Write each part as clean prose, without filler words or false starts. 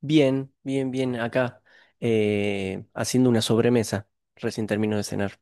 Bien, bien, bien, acá, haciendo una sobremesa. Recién termino de cenar.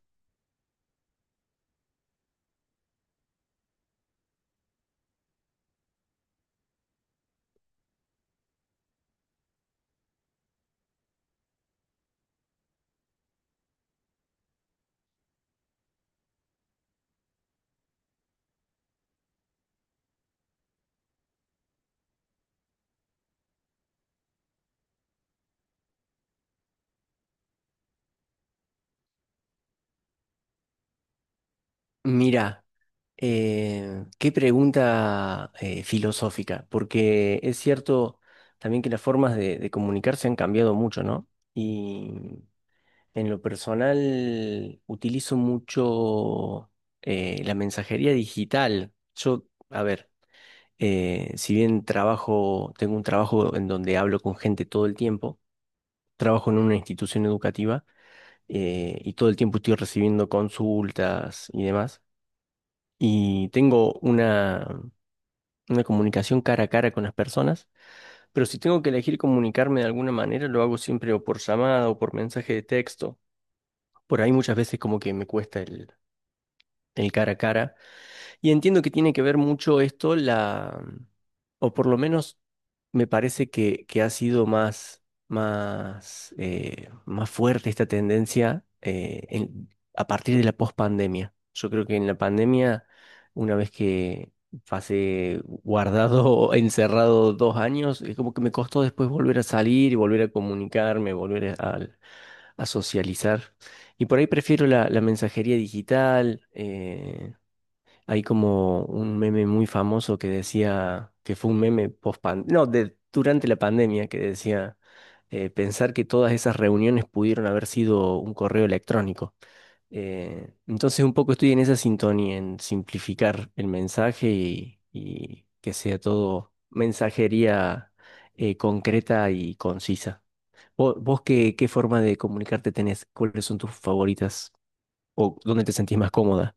Mira, qué pregunta filosófica, porque es cierto también que las formas de comunicarse han cambiado mucho, ¿no? Y en lo personal utilizo mucho la mensajería digital. Yo, a ver, si bien trabajo, tengo un trabajo en donde hablo con gente todo el tiempo, trabajo en una institución educativa. Y todo el tiempo estoy recibiendo consultas y demás. Y tengo una comunicación cara a cara con las personas, pero si tengo que elegir comunicarme de alguna manera, lo hago siempre o por llamada o por mensaje de texto. Por ahí muchas veces como que me cuesta el cara a cara. Y entiendo que tiene que ver mucho esto, o por lo menos me parece que ha sido más, más fuerte esta tendencia a partir de la pospandemia. Yo creo que en la pandemia, una vez que pasé guardado, o encerrado dos años, es como que me costó después volver a salir y volver a comunicarme, a socializar. Y por ahí prefiero la mensajería digital. Hay como un meme muy famoso que decía, que fue un meme post pan- no, de, durante la pandemia, que decía pensar que todas esas reuniones pudieron haber sido un correo electrónico. Entonces un poco estoy en esa sintonía, en simplificar el mensaje y que sea todo mensajería concreta y concisa. Vos qué, qué forma de comunicarte tenés? ¿Cuáles son tus favoritas? ¿O dónde te sentís más cómoda?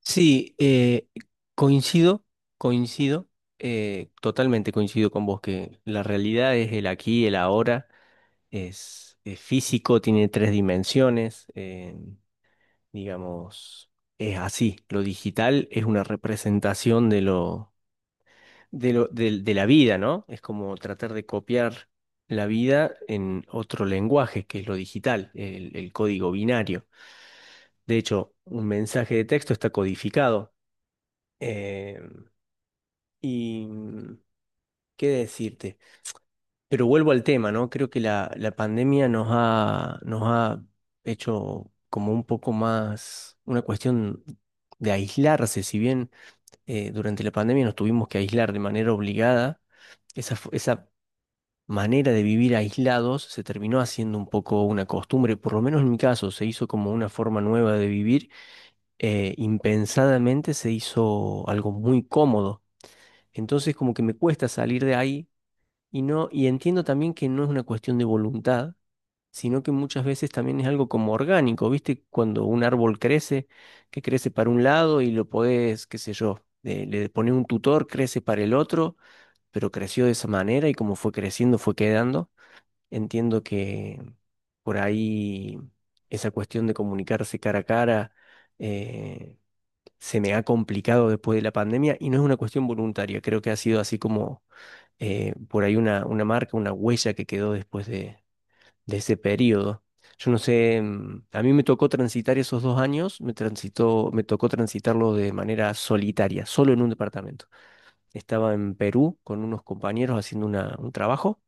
Sí, coincido, coincido, totalmente coincido con vos que la realidad es el aquí, el ahora, es físico, tiene tres dimensiones, digamos, es así. Lo digital es una representación de lo, de la vida, ¿no? Es como tratar de copiar la vida en otro lenguaje, que es lo digital, el código binario. De hecho, un mensaje de texto está codificado. eh, Y mm, qué decirte. Pero vuelvo al tema, ¿no? Creo que la pandemia nos ha hecho como un poco más una cuestión de aislarse. Si bien durante la pandemia nos tuvimos que aislar de manera obligada, esa manera de vivir aislados se terminó haciendo un poco una costumbre, por lo menos en mi caso, se hizo como una forma nueva de vivir, impensadamente se hizo algo muy cómodo. Entonces como que me cuesta salir de ahí y no, y entiendo también que no es una cuestión de voluntad, sino que muchas veces también es algo como orgánico, ¿viste? Cuando un árbol crece, que crece para un lado y lo podés, qué sé yo, le pones un tutor, crece para el otro, pero creció de esa manera y como fue creciendo, fue quedando. Entiendo que por ahí esa cuestión de comunicarse cara a cara eh, se me ha complicado después de la pandemia y no es una cuestión voluntaria, creo que ha sido así como por ahí una marca, una huella que quedó después de ese periodo. Yo no sé, mm, a mí me tocó transitar esos dos años, me transitó, me tocó transitarlo de manera solitaria, solo en un departamento. Estaba en Perú con unos compañeros haciendo un trabajo,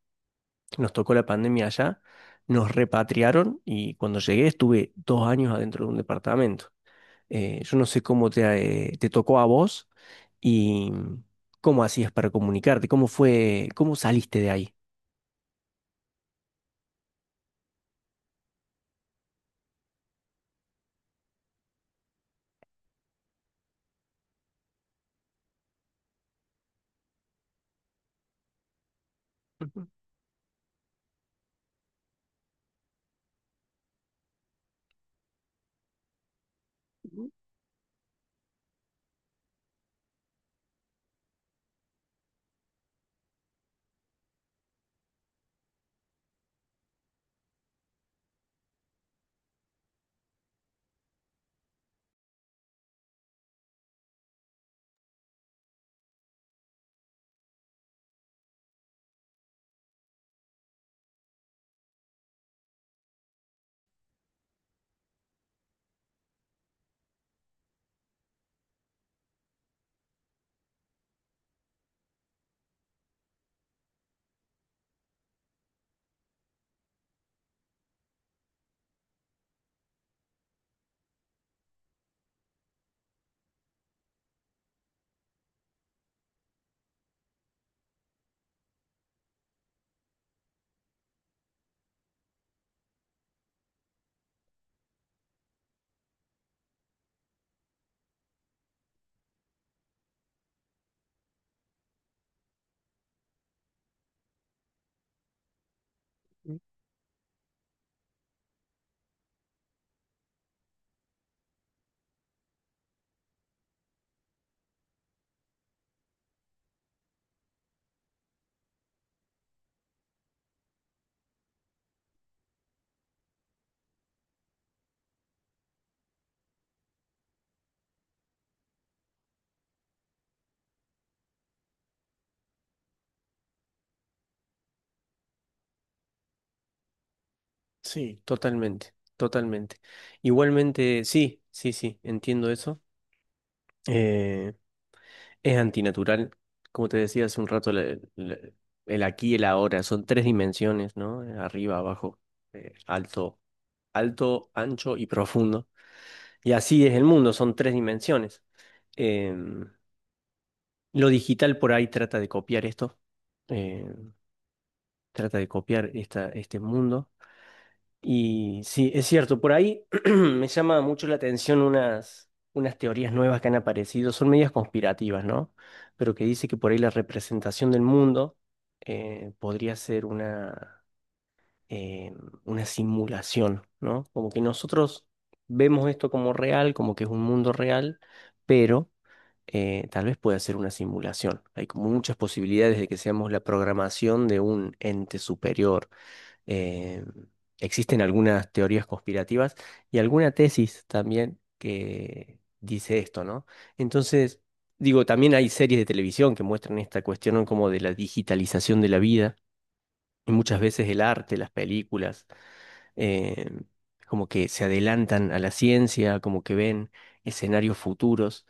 nos tocó la pandemia allá, nos repatriaron y cuando llegué estuve dos años adentro de un departamento. Yo no sé cómo te tocó a vos y mm, cómo hacías para comunicarte, cómo fue, cómo saliste de ahí. Ujú. Sí, totalmente, totalmente. Igualmente, sí, sí, sí, entiendo eso. Eh, es antinatural, como te decía hace un rato, el aquí y el ahora, son tres dimensiones, ¿no? Arriba, abajo, alto, alto, ancho y profundo. Y así es el mundo, son tres dimensiones. Em, lo digital por ahí trata de copiar esto, eh, trata de copiar este mundo. Y sí, es cierto, por ahí me llama mucho la atención unas teorías nuevas que han aparecido, son medias conspirativas, ¿no? Pero que dice que por ahí la representación del mundo podría ser eh, una simulación, ¿no? Como que nosotros vemos esto como real, como que es un mundo real, pero tal vez pueda ser una simulación. Hay como muchas posibilidades de que seamos la programación de un ente superior, eh, existen algunas teorías conspirativas y alguna tesis también que dice esto, ¿no? Entonces, digo, también hay series de televisión que muestran esta cuestión, ¿no? Como de la digitalización de la vida y muchas veces el arte, las películas, eh, como que se adelantan a la ciencia, como que ven escenarios futuros.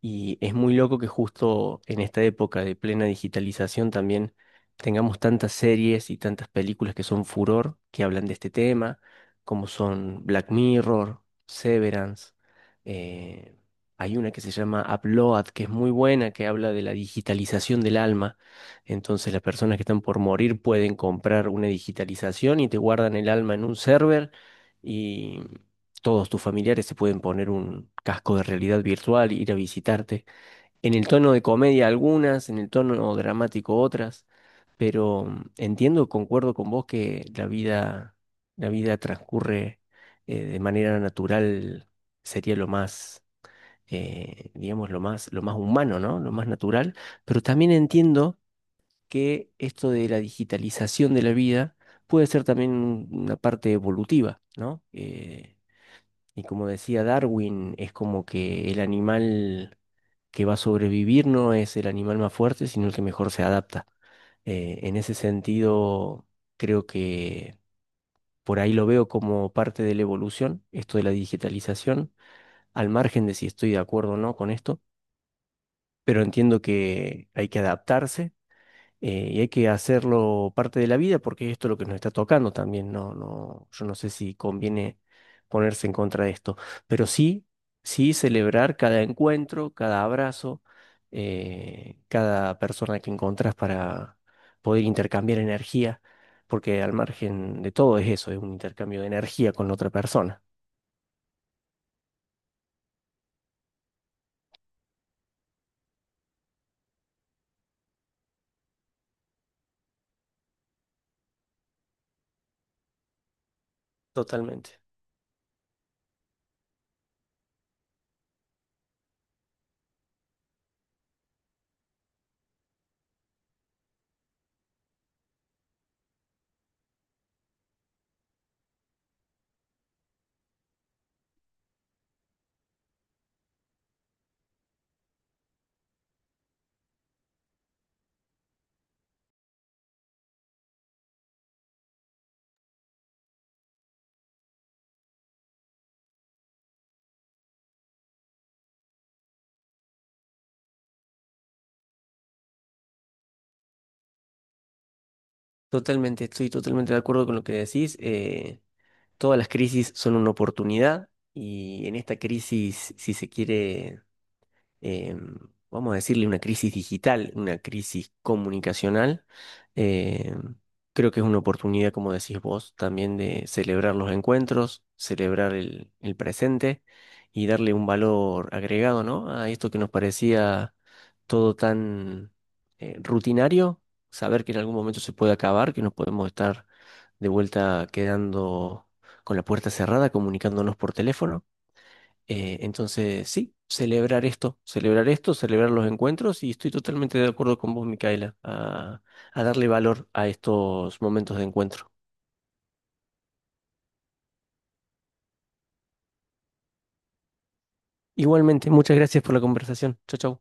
Y es muy loco que justo en esta época de plena digitalización también tengamos tantas series y tantas películas que son furor, que hablan de este tema, como son Black Mirror, Severance. eh, Hay una que se llama Upload, que es muy buena, que habla de la digitalización del alma. Entonces las personas que están por morir pueden comprar una digitalización y te guardan el alma en un server, todos tus familiares se pueden poner un casco de realidad virtual, ir a visitarte. En el tono de comedia algunas, en el tono dramático otras, pero mm, entiendo, concuerdo con vos que la vida transcurre de manera natural, sería lo más, digamos, lo más humano, ¿no? Lo más natural, pero también entiendo que esto de la digitalización de la vida puede ser también una parte evolutiva, ¿no? Y como decía Darwin, es como que el animal que va a sobrevivir no es el animal más fuerte, sino el que mejor se adapta. En ese sentido, creo que por ahí lo veo como parte de la evolución, esto de la digitalización, al margen de si estoy de acuerdo o no con esto, pero entiendo que hay que adaptarse y hay que hacerlo parte de la vida porque esto es lo que nos está tocando también. No, no, yo no sé si conviene ponerse en contra de esto, pero sí, sí, celebrar cada encuentro, cada abrazo, cada persona que encontrás para poder intercambiar energía, porque al margen de todo es eso, es un intercambio de energía con la otra persona. Totalmente, totalmente, estoy totalmente de acuerdo con lo que decís. Todas las crisis son una oportunidad y en esta crisis, si se quiere, eh, vamos a decirle, una crisis digital, una crisis comunicacional. eh, Creo que es una oportunidad, como decís vos, también de celebrar los encuentros, celebrar el presente y darle un valor agregado, ¿no? A esto que nos parecía todo tan rutinario, saber que en algún momento se puede acabar, que nos podemos estar de vuelta quedando con la puerta cerrada, comunicándonos por teléfono. Entonces, sí, celebrar esto, celebrar esto, celebrar los encuentros y estoy totalmente de acuerdo con vos, Micaela, a darle valor a estos momentos de encuentro. Igualmente, muchas gracias por la conversación. Chau, chau.